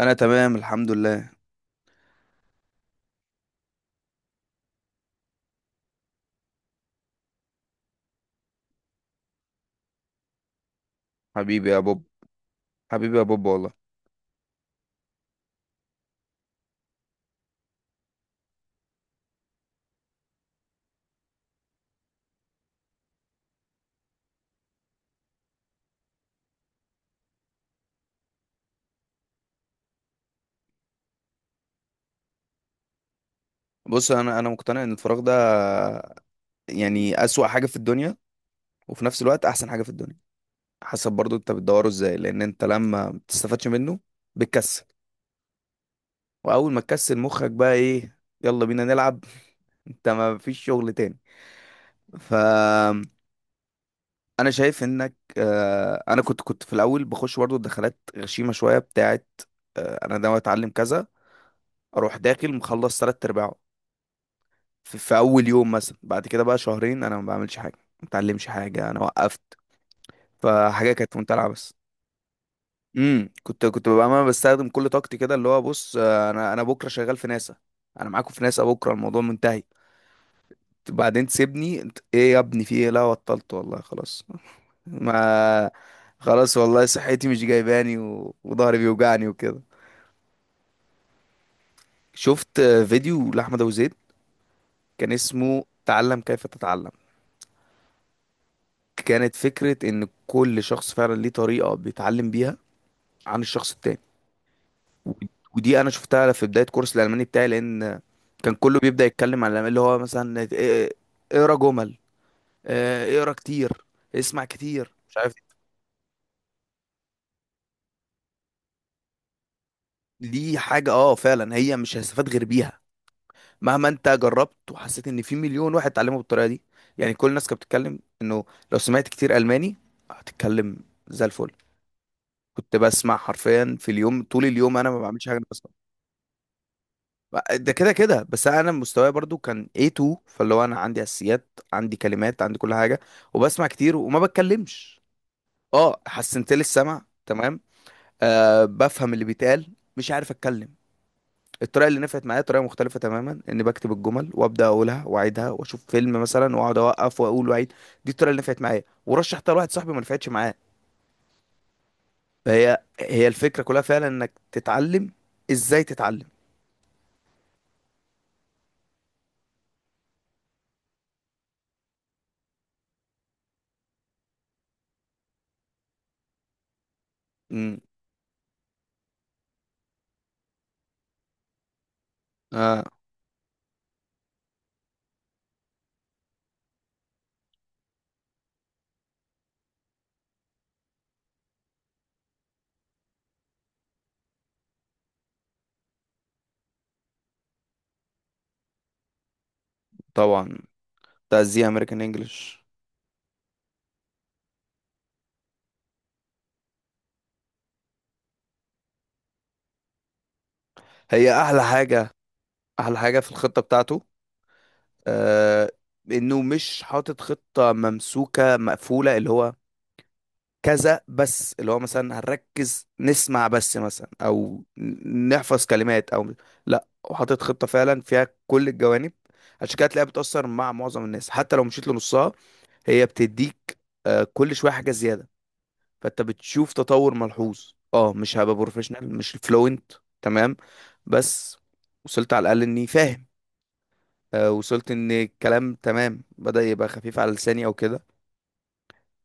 انا تمام الحمد لله. حبيبي يا بوب. حبيبي يا بوب والله. بص، انا مقتنع ان الفراغ ده يعني اسوأ حاجة في الدنيا، وفي نفس الوقت احسن حاجة في الدنيا. حسب برضو انت بتدوره ازاي، لان انت لما ما بتستفادش منه بتكسل. واول ما تكسل مخك بقى ايه؟ يلا بينا نلعب. انت ما فيش شغل تاني؟ ف انا شايف انك، انا كنت في الاول بخش برضو دخلات غشيمة شوية بتاعت انا ناوي اتعلم كذا. اروح داخل مخلص ثلاث ارباعه في اول يوم مثلا. بعد كده بقى شهرين انا ما بعملش حاجه، ما اتعلمش حاجه، انا وقفت. فحاجه كانت ممتلعه بس. كنت ببقى انا بستخدم كل طاقتي كده، اللي هو بص انا بكره شغال في ناسا، انا معاكم في ناسا، بكره الموضوع منتهي. بعدين تسيبني، ايه يا ابني، في ايه؟ لا بطلت والله، خلاص ما خلاص والله صحتي مش جايباني، وضهري بيوجعني وكده. شفت فيديو لاحمد ابو زيد. كان اسمه تعلم كيف تتعلم. كانت فكرة ان كل شخص فعلا ليه طريقة بيتعلم بيها عن الشخص التاني. و- ودي انا شفتها في بداية كورس الالماني بتاعي، لان كان كله بيبدأ يتكلم عن الألماني اللي هو مثلا اقرا جمل، اقرا كتير، اسمع كتير، مش عارف. دي حاجة اه فعلا هي مش هستفاد غير بيها. مهما انت جربت وحسيت ان في مليون واحد اتعلمه بالطريقة دي. يعني كل الناس كانت بتتكلم انه لو سمعت كتير الماني هتتكلم زي الفل. كنت بسمع حرفيا في اليوم طول اليوم، انا ما بعملش حاجة ده كده كده بس. انا مستواي برضو كان A2، فاللي هو انا عندي اساسيات، عندي كلمات، عندي كل حاجه. وبسمع كتير وما بتكلمش. اه حسنت لي السمع تمام. بفهم اللي بيتقال، مش عارف اتكلم. الطريقه اللي نفعت معايا طريقه مختلفه تماما، اني بكتب الجمل وابدا اقولها واعيدها واشوف فيلم مثلا واقعد اوقف واقول واعيد. دي الطريقه اللي نفعت معايا ورشحتها لواحد صاحبي ما نفعتش معاه. فهي الفكره كلها فعلا، انك تتعلم ازاي تتعلم. امم اه طبعا. ده زي امريكان انجلش. هي احلى حاجه. احلى حاجه في الخطه بتاعته آه انه مش حاطط خطه ممسوكه مقفوله، اللي هو كذا بس، اللي هو مثلا هنركز نسمع بس مثلا، او نحفظ كلمات، او لا، وحاطط خطه فعلا فيها كل الجوانب. عشان كده تلاقيها بتاثر مع معظم الناس حتى لو مشيت لنصها. هي بتديك كل شويه حاجه زياده. فانت بتشوف تطور ملحوظ، اه مش هبقى بروفيشنال مش فلوينت. تمام، بس وصلت على الاقل اني فاهم. وصلت ان الكلام تمام بدأ يبقى خفيف على لساني او كده.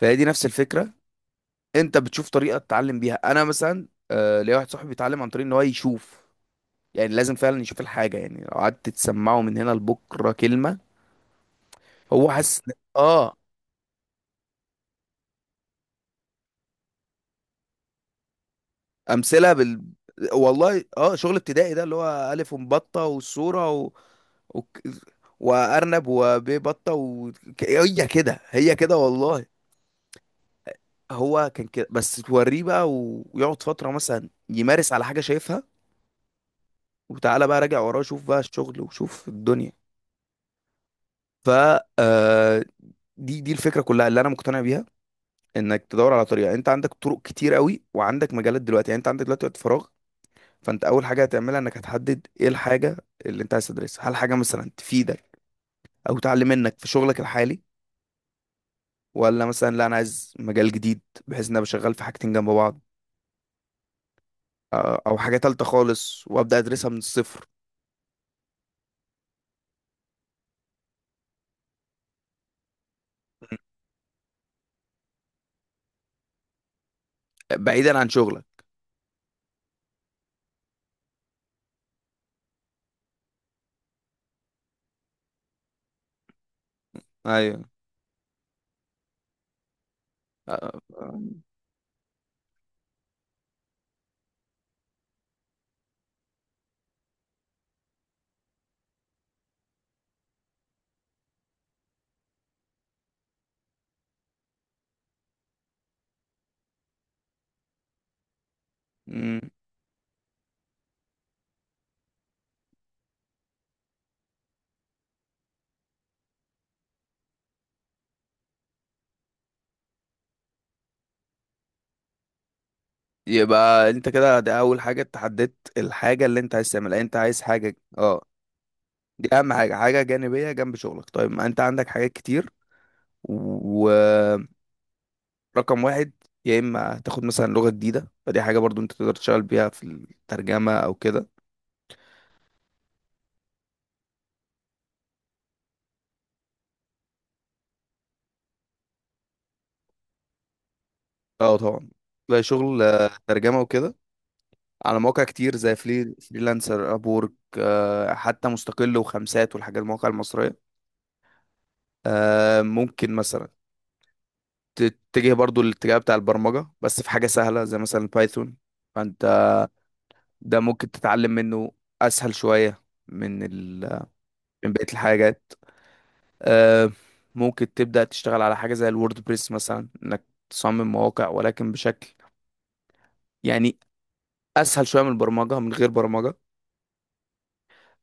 فهي دي نفس الفكرة. انت بتشوف طريقة تتعلم بيها، انا مثلا ليا واحد صاحبي بيتعلم عن طريق ان هو يشوف. يعني لازم فعلا يشوف الحاجة، يعني لو قعدت تسمعه من هنا لبكرة كلمة. هو حاسس اه، امثلة والله. اه شغل ابتدائي ده اللي هو الف ومبطة والصورة و... وارنب وبيه بطة هي كده هي كده والله. هو كان كده بس توريه بقى ويقعد فترة مثلا يمارس على حاجة شايفها. وتعالى بقى راجع وراه، شوف بقى الشغل وشوف الدنيا. ف آه، دي الفكرة كلها اللي انا مقتنع بيها. انك تدور على طريقة، انت عندك طرق كتير قوي وعندك مجالات دلوقتي، يعني انت عندك دلوقتي وقت فراغ. فانت اول حاجة هتعملها انك هتحدد ايه الحاجة اللي انت عايز تدرسها، هل حاجة مثلا تفيدك او تعلم منك في شغلك الحالي، ولا مثلا لا انا عايز مجال جديد، بحيث ان انا بشغال في حاجتين جنب بعض. او حاجة تالتة خالص وابدا ادرسها من الصفر، بعيدا عن شغلك. ايوه، آه، آه، مم. يبقى انت كده، ده اول حاجه، أنت حددت الحاجه اللي انت عايز تعملها، انت عايز حاجه اه دي اهم حاجه، حاجه جانبيه جنب شغلك، طيب ما انت عندك حاجات كتير، ورقم واحد. يا اما تاخد مثلا لغه جديده، فدي حاجه برضو انت تقدر تشتغل بيها في الترجمه او كده. اه طبعا. تلاقي شغل ترجمه وكده على مواقع كتير زي فري فريلانسر ابورك، حتى مستقل وخمسات والحاجات المواقع المصريه. ممكن مثلا تتجه برضو الاتجاه بتاع البرمجة، بس في حاجة سهلة زي مثلا بايثون. فانت ده ممكن تتعلم منه، اسهل شوية من ال... من بقية الحاجات. آه، ممكن تبدأ تشتغل على حاجة زي الووردبريس مثلا، انك تصمم مواقع ولكن بشكل يعني اسهل شوية من البرمجة، من غير برمجة.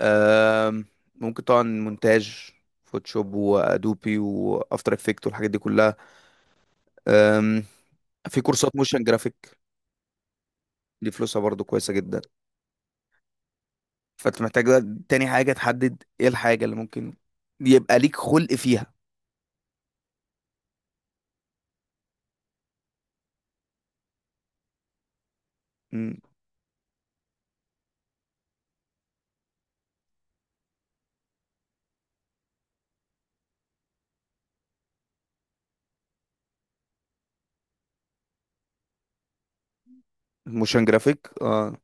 آه، ممكن طبعا مونتاج، فوتوشوب وادوبي وافتر افكت والحاجات دي كلها. آم، في كورسات موشن جرافيك، دي فلوسها برضو كويسة جدا. فانت محتاج بقى تاني حاجة تحدد ايه الحاجة اللي ممكن يبقى ليك خلق فيها. مم. موشن جرافيك اه.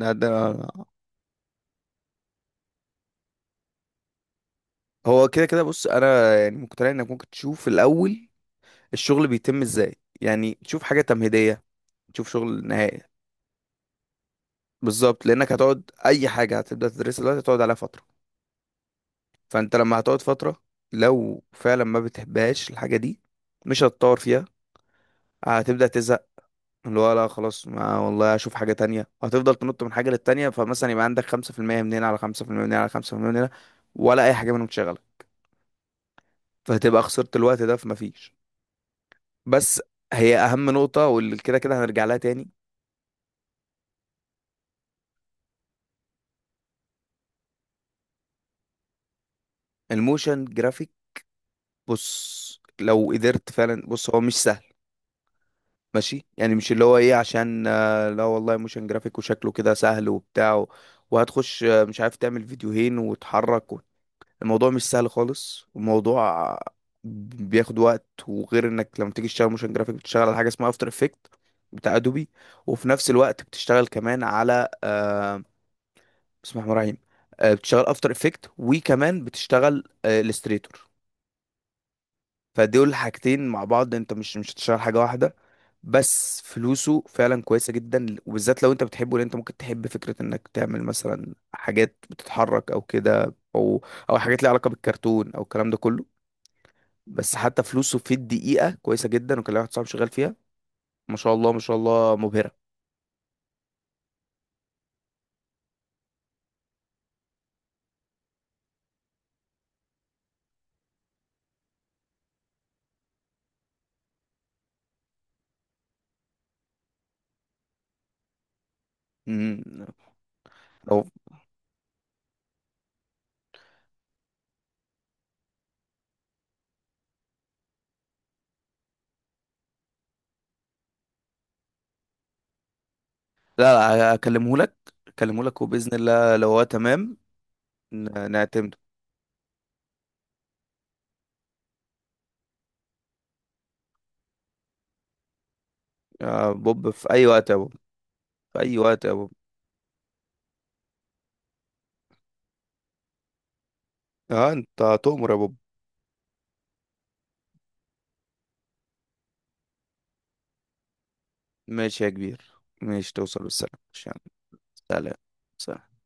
ده هو كده كده، بص انا يعني مقتنع انك ممكن تشوف الاول الشغل بيتم ازاي، يعني تشوف حاجة تمهيدية، تشوف شغل نهائي. بالظبط، لانك هتقعد، اي حاجة هتبدأ تدرسها دلوقتي هتقعد عليها فترة. فانت لما هتقعد فترة، لو فعلا ما بتحبهاش الحاجة دي، مش هتطور فيها، هتبدأ تزهق، اللي هو لا خلاص ما والله اشوف حاجة تانية، هتفضل تنط من حاجة للتانية. فمثلا يبقى عندك 5% من هنا على 5% من هنا على خمسة في المية من هنا، ولا أي حاجة منهم شغالة. فهتبقى خسرت الوقت ده، فما فيش. بس هي أهم نقطة، واللي كده كده هنرجع لها تاني. الموشن جرافيك، بص لو قدرت فعلا، بص هو مش سهل. ماشي، يعني مش اللي هو ايه، عشان لا والله موشن جرافيك وشكله كده سهل وبتاع، وهتخش مش عارف تعمل فيديوهين وتحرك، الموضوع مش سهل خالص. الموضوع بياخد وقت، وغير انك لما تيجي تشتغل موشن جرافيك بتشتغل على حاجه اسمها افتر افكت، بتاع ادوبي. وفي نفس الوقت بتشتغل كمان على بسم الله الرحمن الرحيم. بتشتغل افتر افكت، وكمان بتشتغل الستريتور. فدول الحاجتين مع بعض، انت مش هتشتغل حاجه واحده. بس فلوسه فعلا كويسه جدا، وبالذات لو انت بتحبه، لان انت ممكن تحب فكره انك تعمل مثلا حاجات بتتحرك او كده، او حاجات ليها علاقه بالكرتون او الكلام ده كله. بس حتى فلوسه في الدقيقة كويسة جدا، وكان ليا واحد صاحبي شغال فيها، ما شاء الله ما شاء الله مبهرة. مم. لو لا لا، اكلمه لك. اكلمه لك وبإذن الله لو هو تمام نعتمده. يا بوب في أي وقت يا بوب. في أي وقت يا بوب. اه انت تؤمر يا بوب. ماشي يا كبير. ماشي توصل بالسلامة. ماشي يا عم. سلام. سلام.